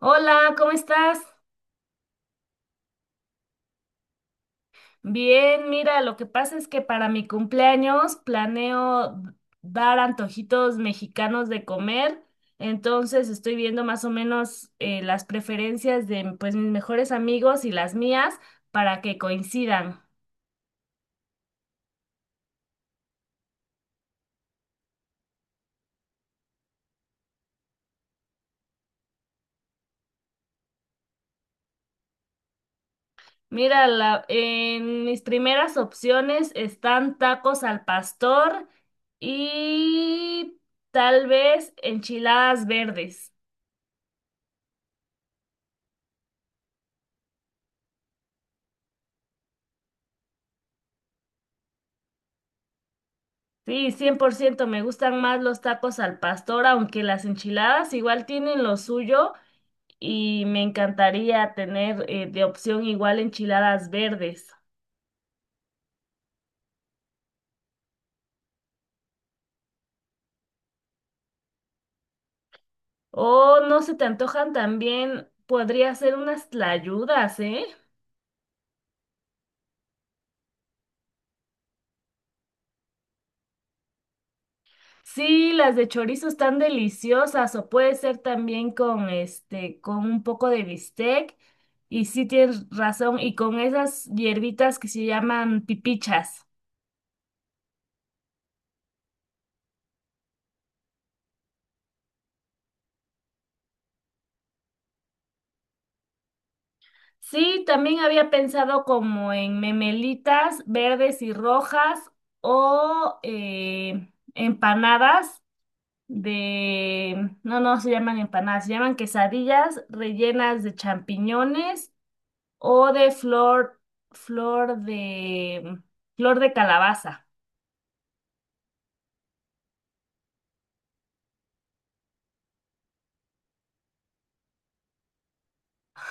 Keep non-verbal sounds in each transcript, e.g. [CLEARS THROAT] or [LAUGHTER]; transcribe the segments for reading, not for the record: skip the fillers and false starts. Hola, ¿cómo estás? Bien, mira, lo que pasa es que para mi cumpleaños planeo dar antojitos mexicanos de comer, entonces estoy viendo más o menos las preferencias de pues mis mejores amigos y las mías para que coincidan. Mira, en mis primeras opciones están tacos al pastor y tal vez enchiladas verdes. Sí, 100%. Me gustan más los tacos al pastor, aunque las enchiladas igual tienen lo suyo y me encantaría tener de opción igual enchiladas verdes. O no se te antojan también, podría ser unas tlayudas, ¿eh? Sí, las de chorizo están deliciosas o puede ser también con este, con un poco de bistec y sí tienes razón y con esas hierbitas que se llaman pipichas. Sí, también había pensado como en memelitas verdes y rojas o empanadas no, no se llaman empanadas, se llaman quesadillas rellenas de champiñones o de flor, flor de, flor de calabaza.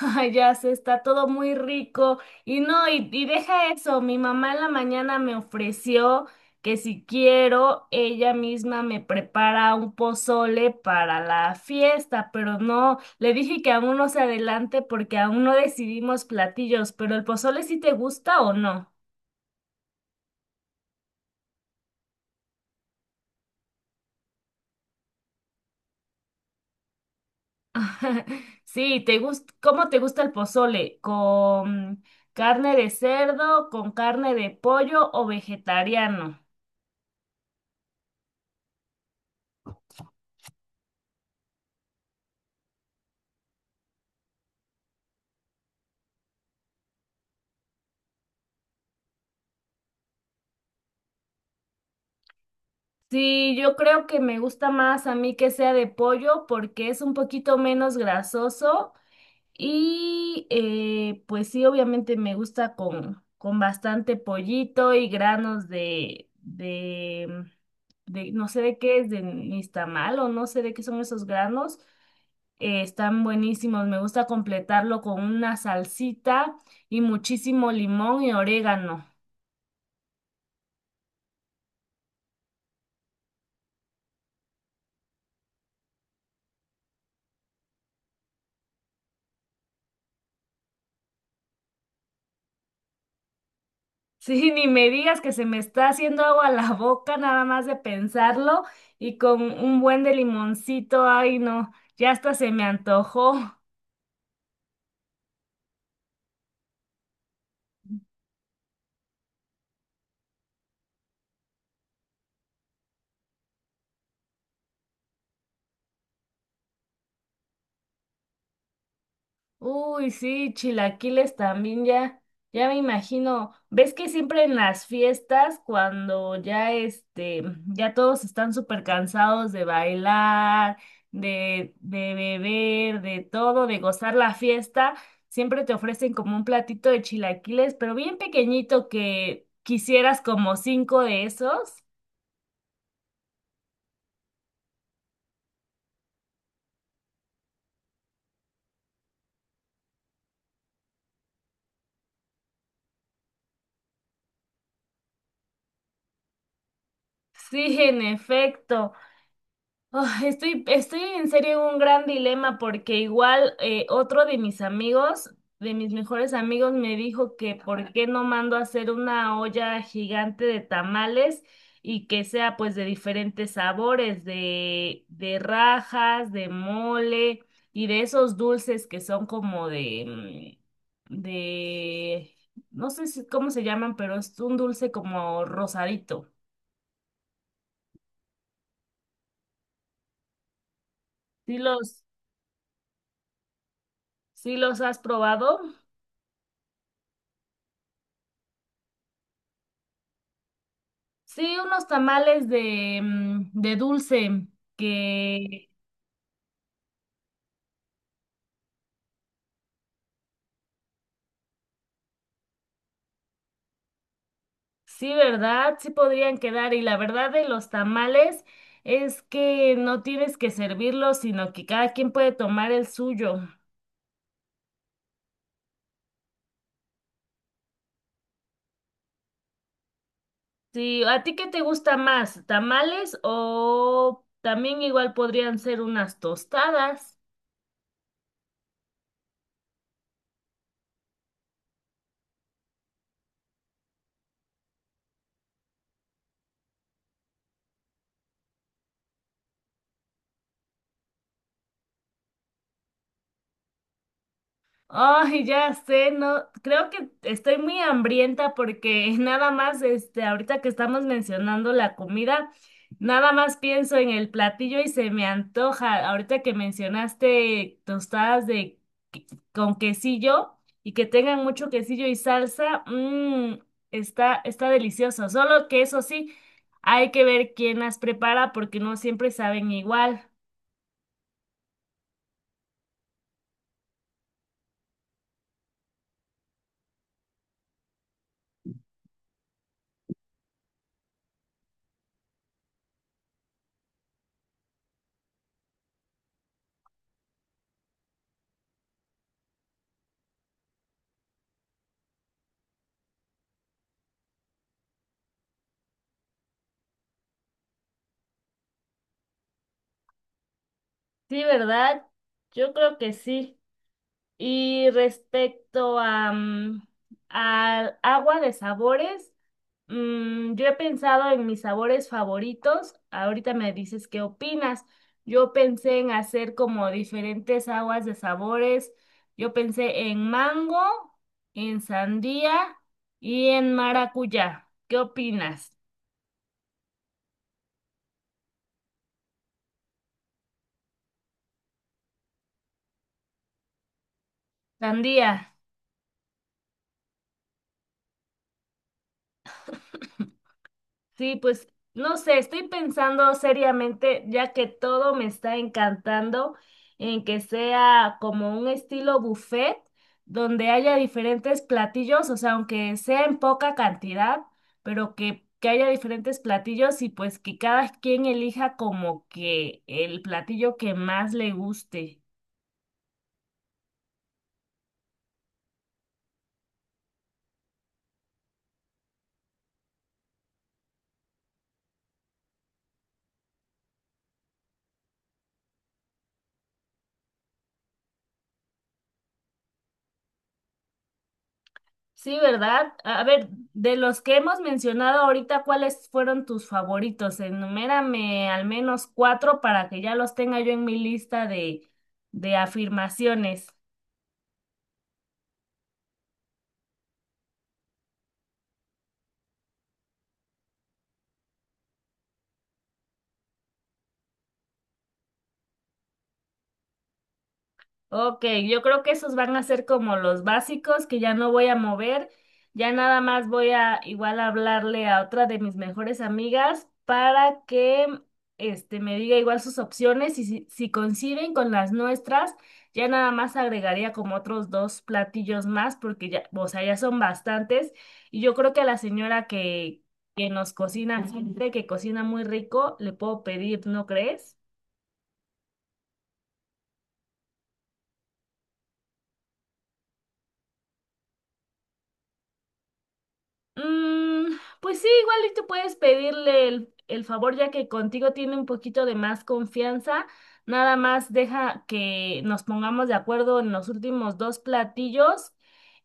Ay, ya se está todo muy rico. Y no, y deja eso, mi mamá en la mañana me ofreció que si quiero, ella misma me prepara un pozole para la fiesta, pero no, le dije que aún no se adelante porque aún no decidimos platillos, pero el pozole sí te gusta o no. [LAUGHS] Sí, te gusta, ¿cómo te gusta el pozole? ¿Con carne de cerdo, con carne de pollo o vegetariano? Sí, yo creo que me gusta más a mí que sea de pollo porque es un poquito menos grasoso y pues sí, obviamente me gusta con bastante pollito y granos de, no sé de qué es, de nixtamal o no sé de qué son esos granos. Están buenísimos, me gusta completarlo con una salsita y muchísimo limón y orégano. Sí, ni me digas que se me está haciendo agua la boca nada más de pensarlo y con un buen de limoncito, ay no, ya hasta se me antojó. Uy, sí, chilaquiles también ya me imagino. ¿Ves que siempre en las fiestas, cuando ya este, ya todos están súper cansados de bailar, de beber, de todo, de gozar la fiesta, siempre te ofrecen como un platito de chilaquiles, pero bien pequeñito que quisieras como 5 de esos? Sí, en efecto. Ah, estoy en serio en un gran dilema porque igual otro de mis amigos, de mis mejores amigos, me dijo que por qué no mando a hacer una olla gigante de tamales y que sea pues de diferentes sabores, de rajas, de mole y de esos dulces que son como de, no sé cómo se llaman, pero es un dulce como rosadito. ¿Sí los, ¿Sí los has probado? Sí, unos tamales de dulce que sí, ¿verdad? Sí podrían quedar. Y la verdad de los tamales es que no tienes que servirlos, sino que cada quien puede tomar el suyo. Sí, ¿a ti qué te gusta más? ¿Tamales o también igual podrían ser unas tostadas? Ay, ya sé, no, creo que estoy muy hambrienta porque [LAUGHS] nada más, este, ahorita que estamos mencionando la comida, nada más pienso en el platillo y se me antoja. Ahorita que mencionaste tostadas de que- con quesillo y que tengan mucho quesillo y salsa, mmm, está delicioso. Solo que eso sí, hay que ver quién las prepara porque no siempre saben igual. Sí, ¿verdad? Yo creo que sí. Y respecto a, al agua de sabores, yo he pensado en mis sabores favoritos. Ahorita me dices qué opinas. Yo pensé en hacer como diferentes aguas de sabores. Yo pensé en mango, en sandía y en maracuyá. ¿Qué opinas? Sandía. Sí, pues no sé, estoy pensando seriamente, ya que todo me está encantando, en que sea como un estilo buffet, donde haya diferentes platillos, o sea, aunque sea en poca cantidad, pero que haya diferentes platillos y pues que cada quien elija como que el platillo que más le guste. Sí, ¿verdad? A ver, de los que hemos mencionado ahorita, ¿cuáles fueron tus favoritos? Enumérame al menos 4 para que ya los tenga yo en mi lista de afirmaciones. Ok, yo creo que esos van a ser como los básicos que ya no voy a mover. Ya nada más voy a igual hablarle a otra de mis mejores amigas para que este me diga igual sus opciones y si coinciden con las nuestras, ya nada más agregaría como otros 2 platillos más porque ya, o sea, ya son bastantes y yo creo que a la señora que nos cocina, gente que cocina muy rico, le puedo pedir, ¿no crees? Mm, pues sí, igual y tú puedes pedirle el favor ya que contigo tiene un poquito de más confianza. Nada más deja que nos pongamos de acuerdo en los últimos 2 platillos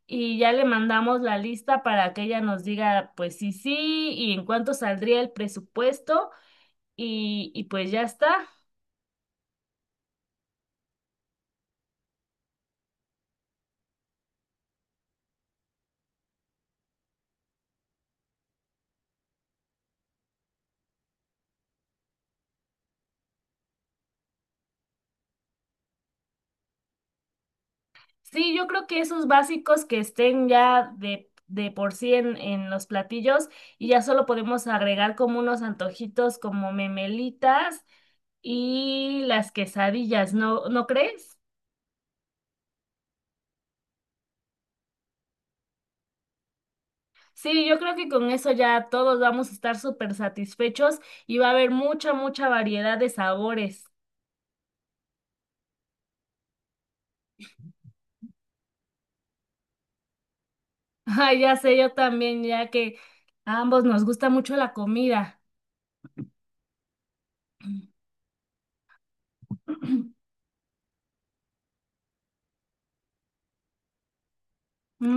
y ya le mandamos la lista para que ella nos diga pues sí, sí y en cuánto saldría el presupuesto y pues ya está. Sí, yo creo que esos básicos que estén ya de por sí en los platillos y ya solo podemos agregar como unos antojitos como memelitas y las quesadillas, ¿no crees? Sí, yo creo que con eso ya todos vamos a estar súper satisfechos y va a haber mucha, mucha variedad de sabores. [LAUGHS] Ay, ya sé, yo también, ya que a ambos nos gusta mucho la comida. [CLEARS THROAT]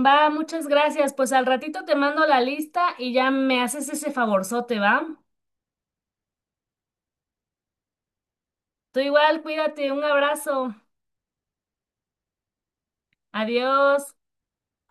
Va, muchas gracias. Pues al ratito te mando la lista y ya me haces ese favorzote, ¿va? Tú igual, cuídate, un abrazo. Adiós.